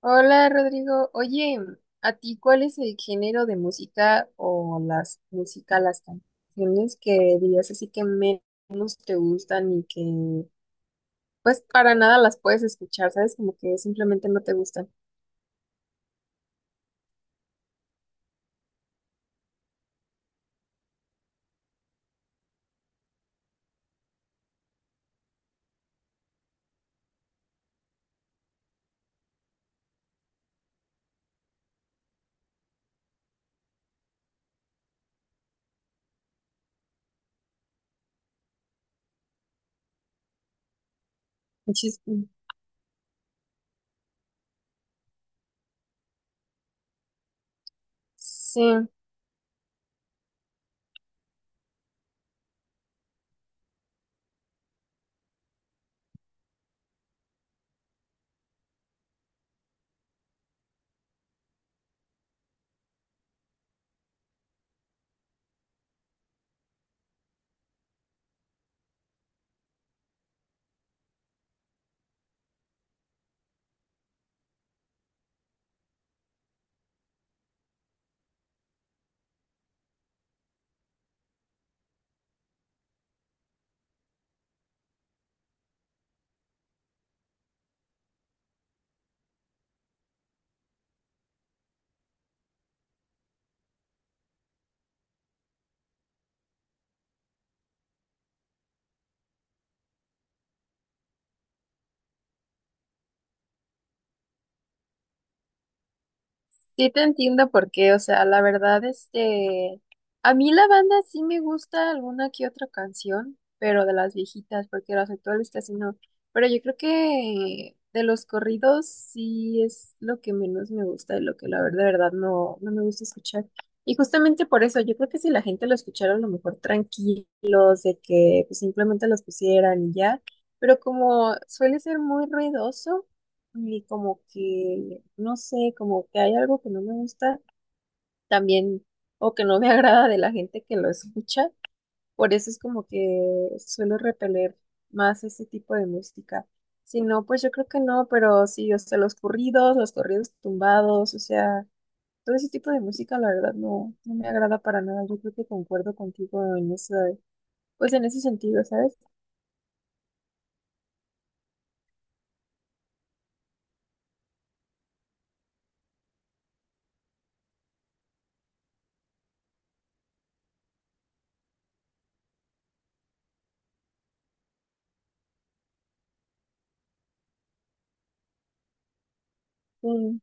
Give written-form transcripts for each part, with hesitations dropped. Hola Rodrigo, oye, ¿a ti cuál es el género de música o las canciones que dirías así que menos te gustan y que pues para nada las puedes escuchar, ¿sabes? Como que simplemente no te gustan. Muchis- Sí, sí te entiendo por qué, o sea, la verdad, a mí la banda sí me gusta alguna que otra canción, pero de las viejitas, porque las actuales casi no. Pero yo creo que de los corridos sí es lo que menos me gusta y lo que la verdad, de verdad no me gusta escuchar. Y justamente por eso, yo creo que si la gente lo escuchara a lo mejor tranquilos, de que pues, simplemente los pusieran y ya, pero como suele ser muy ruidoso. Y como que, no sé, como que hay algo que no me gusta también o que no me agrada de la gente que lo escucha. Por eso es como que suelo repeler más ese tipo de música. Si no, pues yo creo que no, pero sí, o sea, los corridos tumbados, o sea, todo ese tipo de música, la verdad, no me agrada para nada. Yo creo que concuerdo contigo en ese, pues en ese sentido, ¿sabes? Mm,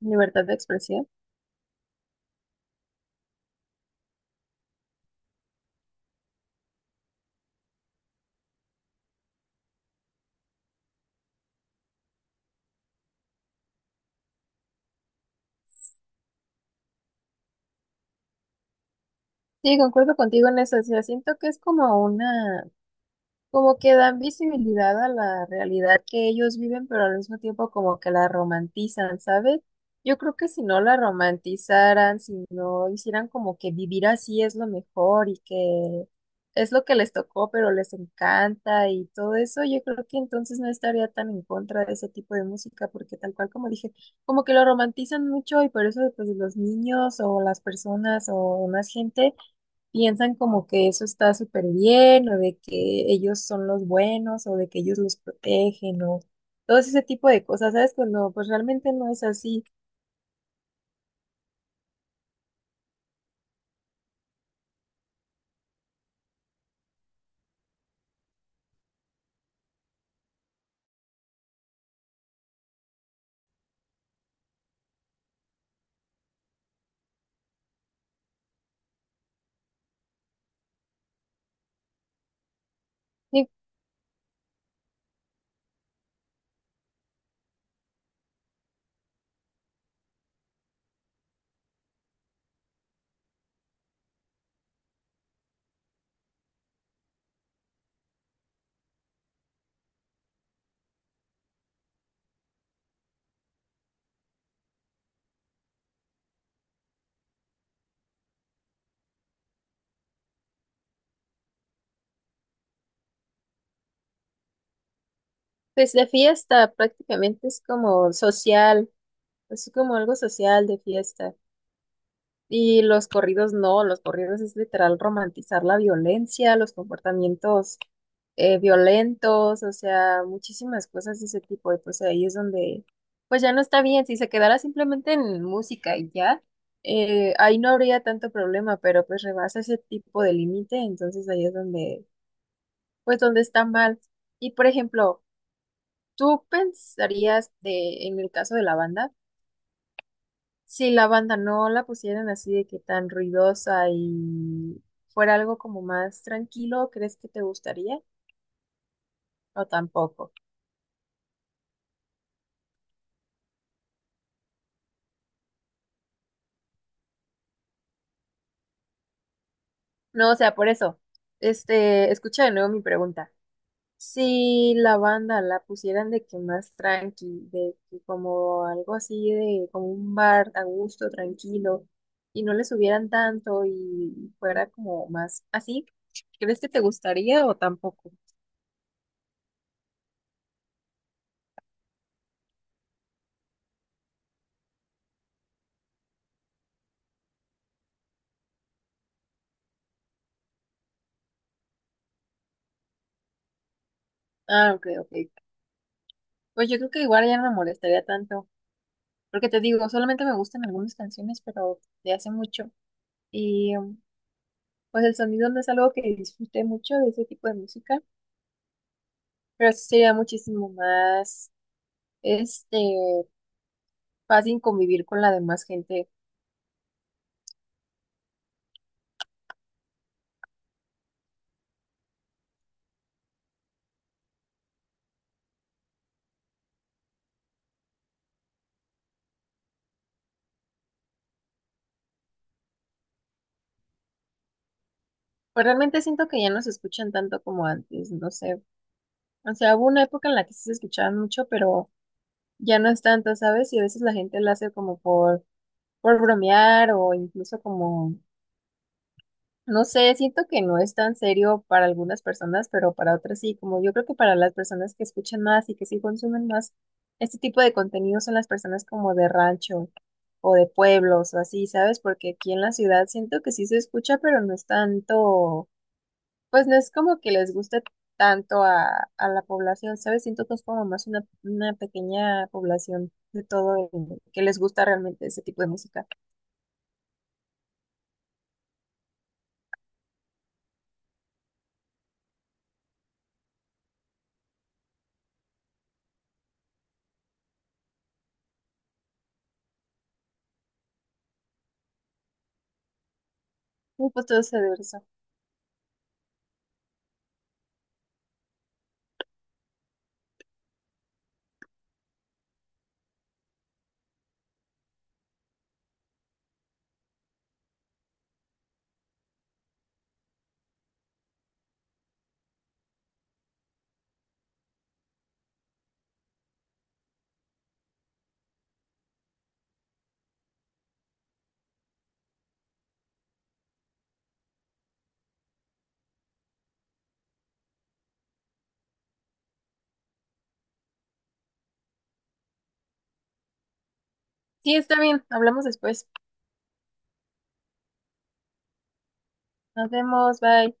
libertad de expresión. Sí, concuerdo contigo en eso. O sea, siento que es como una. Como que dan visibilidad a la realidad que ellos viven, pero al mismo tiempo como que la romantizan, ¿sabes? Yo creo que si no la romantizaran, si no hicieran como que vivir así es lo mejor y que es lo que les tocó, pero les encanta y todo eso, yo creo que entonces no estaría tan en contra de ese tipo de música, porque tal cual como dije, como que lo romantizan mucho y por eso pues los niños o las personas o más gente piensan como que eso está súper bien o de que ellos son los buenos o de que ellos los protegen o todo ese tipo de cosas, ¿sabes? Cuando pues realmente no es así. Y pues la fiesta prácticamente es como social, es como algo social de fiesta. Y los corridos no, los corridos es literal romantizar la violencia, los comportamientos violentos, o sea, muchísimas cosas de ese tipo. Y pues ahí es donde, pues ya no está bien, si se quedara simplemente en música y ya, ahí no habría tanto problema, pero pues rebasa ese tipo de límite, entonces ahí es donde, pues donde está mal. Y por ejemplo, ¿tú pensarías de, en el caso de la banda? Si la banda no la pusieran así de que tan ruidosa y fuera algo como más tranquilo, ¿crees que te gustaría? O tampoco. No, o sea, por eso, escucha de nuevo mi pregunta. Si la banda la pusieran de que más tranqui, de que como algo así de como un bar a gusto, tranquilo, y no le subieran tanto y fuera como más así, ¿crees que te gustaría o tampoco? Ah, ok, ok. Pues yo creo que igual ya no me molestaría tanto. Porque te digo, solamente me gustan algunas canciones, pero de hace mucho. Y pues el sonido no es algo que disfrute mucho de ese tipo de música, pero sí sería muchísimo más, este, fácil convivir con la demás gente. Pues realmente siento que ya no se escuchan tanto como antes, no sé. O sea, hubo una época en la que sí se escuchaban mucho, pero ya no es tanto, ¿sabes? Y a veces la gente lo hace como por bromear o incluso como. No sé, siento que no es tan serio para algunas personas, pero para otras sí, como yo creo que para las personas que escuchan más y que sí consumen más este tipo de contenido son las personas como de rancho o de pueblos o así, ¿sabes? Porque aquí en la ciudad siento que sí se escucha, pero no es tanto, pues no es como que les guste tanto a la población, ¿sabes? Siento que es como más una pequeña población de todo el- que les gusta realmente ese tipo de música. Muy gustoso de ver eso. Sí, está bien, hablamos después. Nos vemos, bye.